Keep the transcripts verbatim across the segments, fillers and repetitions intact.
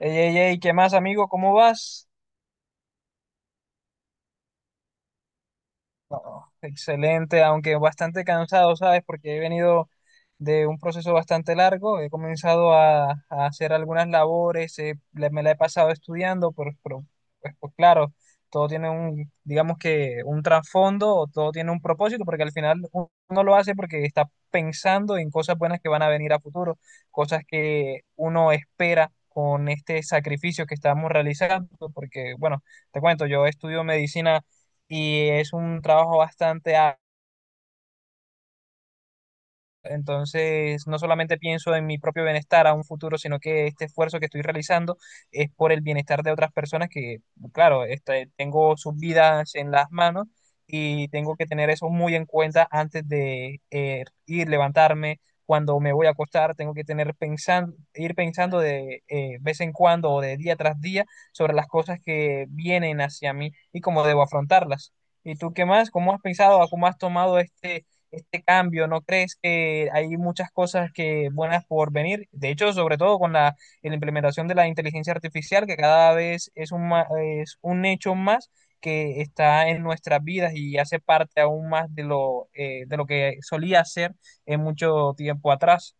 Ey, ey, ey, ¿qué más, amigo? ¿Cómo vas? No, excelente, aunque bastante cansado, ¿sabes? Porque he venido de un proceso bastante largo, he comenzado a, a hacer algunas labores, eh, le- me la he pasado estudiando, pero, pero, pues, pues claro, todo tiene un, digamos que un trasfondo, o todo tiene un propósito, porque al final u- uno lo hace porque está pensando en cosas buenas que van a venir a futuro, cosas que uno espera con este sacrificio que estamos realizando, porque bueno, te cuento, yo estudio medicina y es un trabajo bastante entonces, no solamente pienso en mi propio bienestar a un futuro, sino que este esfuerzo que estoy realizando es por el bienestar de otras personas que, claro, este, tengo sus vidas en las manos y tengo que tener eso muy en cuenta antes de eh, ir, levantarme, cuando me voy a acostar, tengo que tener pensando, ir pensando de eh, vez en cuando o de día tras día sobre las cosas que vienen hacia mí y cómo debo afrontarlas. ¿Y tú qué más? ¿Cómo has pensado, cómo has tomado este este cambio? ¿No crees que hay muchas cosas que buenas por venir? De hecho, sobre todo con la, la implementación de la inteligencia artificial, que cada vez es un, ma- es un hecho más que está en nuestras vidas y hace parte aún más de lo, eh, de lo que solía ser en mucho tiempo atrás.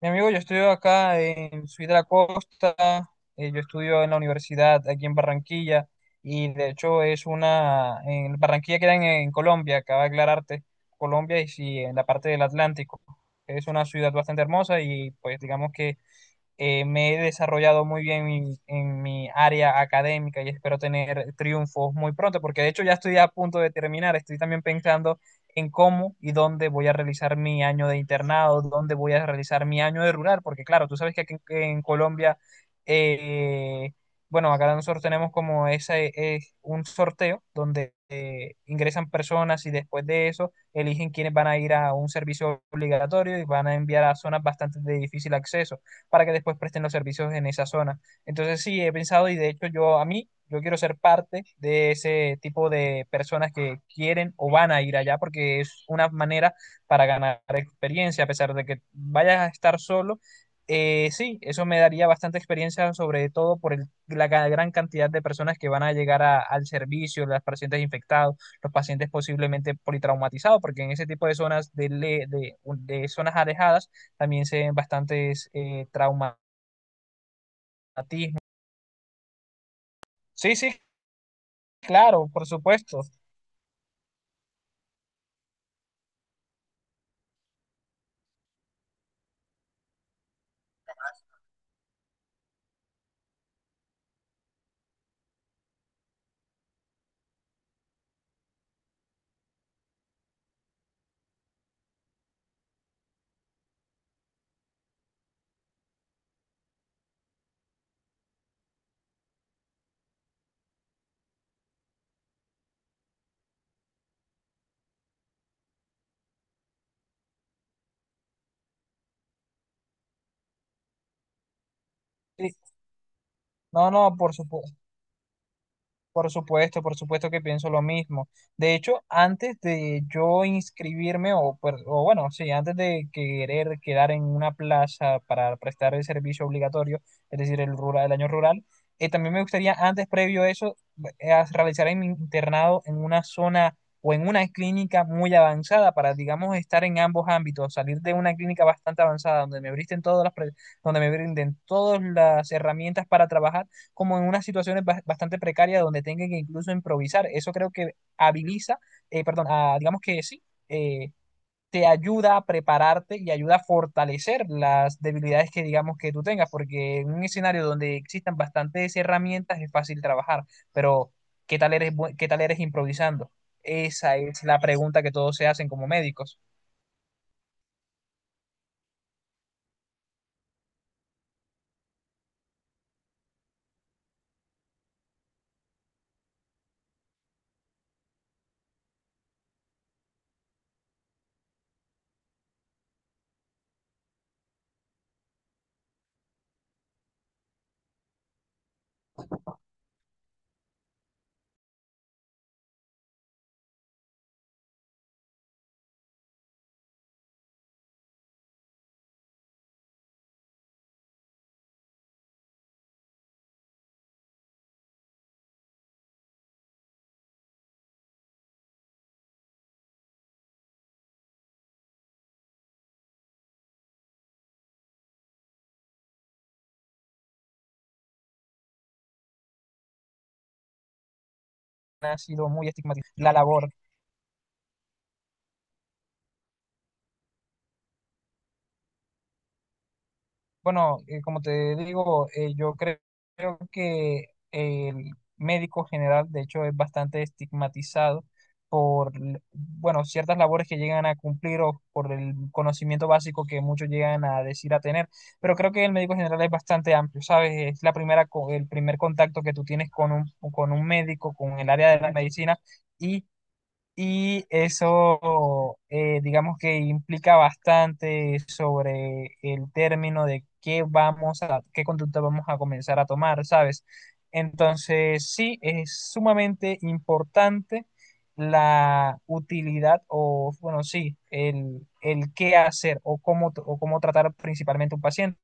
Mi amigo, yo estudio acá en Ciudad de la Costa, eh, yo estudio en la universidad aquí en Barranquilla y de hecho es una, en Barranquilla queda en, en Colombia, acaba de aclararte, Colombia y sí, en la parte del Atlántico. Es una ciudad bastante hermosa y pues digamos que eh, me he desarrollado muy bien en, en mi área académica y espero tener triunfos muy pronto, porque de hecho ya estoy a punto de terminar, estoy también pensando en cómo y dónde voy a realizar mi año de internado, dónde voy a realizar mi año de rural, porque claro, tú sabes que aquí en, en Colombia, eh, bueno, acá nosotros tenemos como ese, es un sorteo donde eh, ingresan personas y después de eso eligen quiénes van a ir a un servicio obligatorio y van a enviar a zonas bastante de difícil acceso para que después presten los servicios en esa zona. Entonces sí, he pensado y de hecho yo a mí, yo quiero ser parte de ese tipo de personas que quieren o van a ir allá porque es una manera para ganar experiencia, a pesar de que vayas a estar solo. Eh, sí, eso me daría bastante experiencia, sobre todo por el- la ga- gran cantidad de personas que van a llegar a- al servicio, los pacientes infectados, los pacientes posiblemente politraumatizados, porque en ese tipo de zonas de, le- de, de zonas alejadas también se ven bastantes eh, traumatismos. Sí, sí, claro, por supuesto. Sí. No, no, por supuesto. Por supuesto, por supuesto que pienso lo mismo. De hecho, antes de yo inscribirme, o, per- o bueno, sí, antes de querer quedar en una plaza para prestar el servicio obligatorio, es decir, el rural, el año rural, eh, también me gustaría, antes, previo a eso, eh, as- realizar mi internado en una zona o en una clínica muy avanzada para, digamos, estar en ambos ámbitos, salir de una clínica bastante avanzada donde me brinden todas las, pre- donde me brinden todas las herramientas para trabajar como en unas situaciones bas- bastante precarias donde tenga que incluso improvisar. Eso creo que habiliza, eh, perdón, a- digamos que sí, eh, te ayuda a prepararte y ayuda a fortalecer las debilidades que digamos que tú tengas, porque en un escenario donde existan bastantes herramientas es fácil trabajar, pero ¿qué tal eres, bu- qué tal eres improvisando? Esa es la pregunta que todos se hacen como médicos. Ha sido muy estigmatizada la labor. Bueno, eh, como te digo, eh, yo cre- creo que el médico general, de hecho, es bastante estigmatizado por, l- bueno, ciertas labores que llegan a cumplir o por el conocimiento básico que muchos llegan a decir a tener. Pero creo que el médico general es bastante amplio, ¿sabes? Es la primera, co- el primer contacto que tú tienes con un, con un médico, con el área de la medicina. Y eso, eh, digamos que implica bastante sobre el término de qué vamos a, qué conducta vamos a comenzar a tomar, ¿sabes? Entonces, sí, es sumamente importante la utilidad o, bueno, sí, el, el qué hacer o cómo, t- o cómo tratar principalmente a un paciente.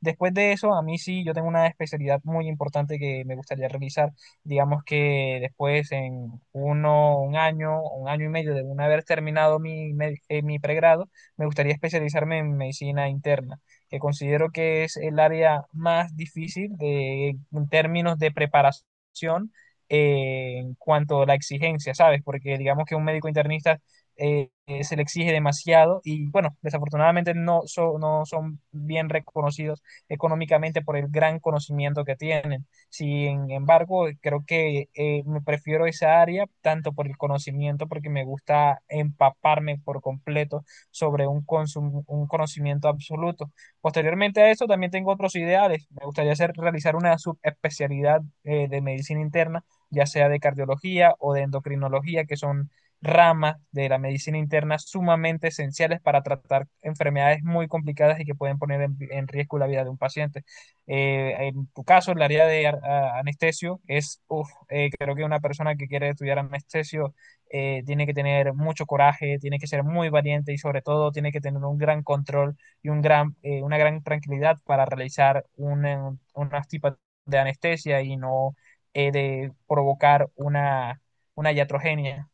Después de eso, a mí sí, yo tengo una especialidad muy importante que me gustaría realizar digamos que después en uno, un año, un año y medio de una haber terminado mi, med- eh, mi pregrado, me gustaría especializarme en medicina interna, que considero que es el área más difícil de, en términos de preparación eh, en cuanto a la exigencia, ¿sabes? Porque digamos que un médico internista eh, eh, se le exige demasiado y bueno, desafortunadamente no, so- no son bien reconocidos económicamente por el gran conocimiento que tienen. Sin embargo, creo que eh, me prefiero esa área tanto por el conocimiento, porque me gusta empaparme por completo sobre un, consum- un conocimiento absoluto. Posteriormente a eso, también tengo otros ideales. Me gustaría hacer, realizar una subespecialidad eh, de medicina interna, ya sea de cardiología o de endocrinología, que son ramas de la medicina interna sumamente esenciales para tratar enfermedades muy complicadas y que pueden poner en en riesgo la vida de un paciente. Eh, en tu caso, el área de ar- a- anestesio es, uf, eh, creo que una persona que quiere estudiar anestesio eh, tiene que tener mucho coraje, tiene que ser muy valiente y sobre todo tiene que tener un gran control y un gran, eh, una gran tranquilidad para realizar una- unas tipas de anestesia y no eh, de provocar una, una iatrogenia.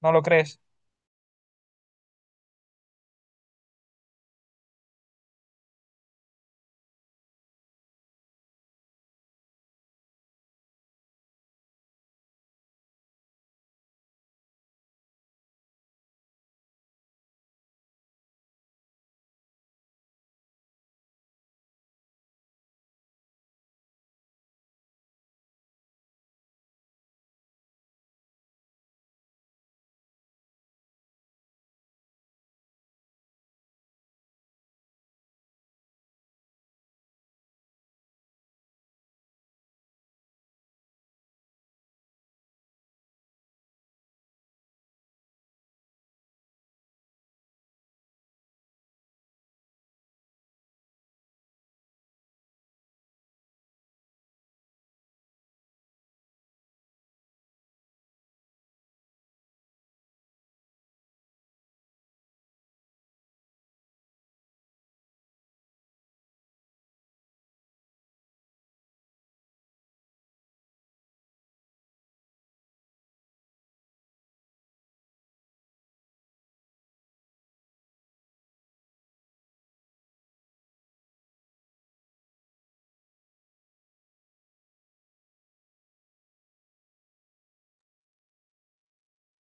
¿No lo crees?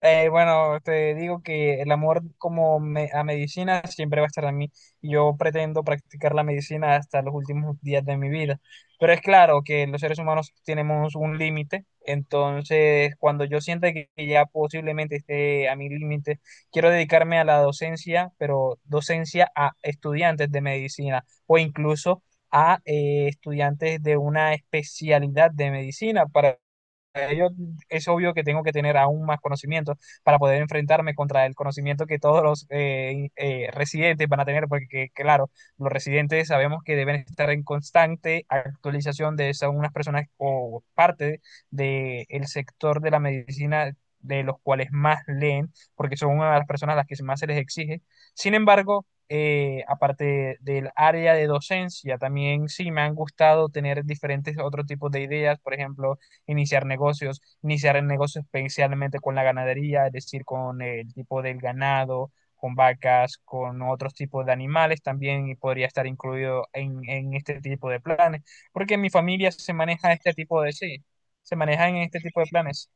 Eh, bueno, te digo que el amor como me- a medicina siempre va a estar en mí. Y yo pretendo practicar la medicina hasta los últimos días de mi vida. Pero es claro que los seres humanos tenemos un límite. Entonces, cuando yo sienta que que ya posiblemente esté a mi límite, quiero dedicarme a la docencia, pero docencia a estudiantes de medicina o incluso a eh, estudiantes de una especialidad de medicina para es obvio que tengo que tener aún más conocimiento para poder enfrentarme contra el conocimiento que todos los eh, eh, residentes van a tener, porque claro, los residentes sabemos que deben estar en constante actualización de esas unas personas o parte del el sector de la medicina de los cuales más leen, porque son una de las personas a las que más se les exige. Sin embargo, eh, aparte del área de docencia, también sí me han gustado tener diferentes otros tipos de ideas, por ejemplo, iniciar negocios, iniciar el negocio especialmente con la ganadería, es decir, con el tipo del ganado, con vacas, con otros tipos de animales también y podría estar incluido en, en este tipo de planes, porque en mi familia se maneja este tipo de, sí, se manejan en este tipo de planes.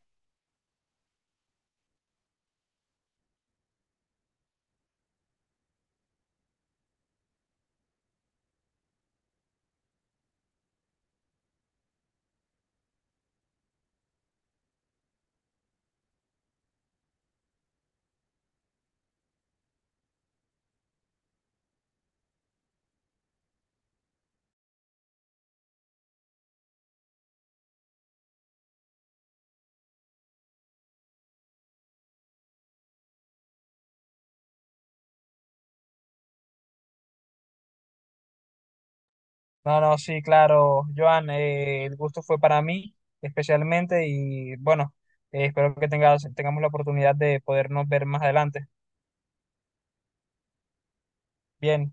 No, no, sí, claro, Joan, eh, el gusto fue para mí especialmente y bueno, eh, espero que tengas, tengamos la oportunidad de podernos ver más adelante. Bien,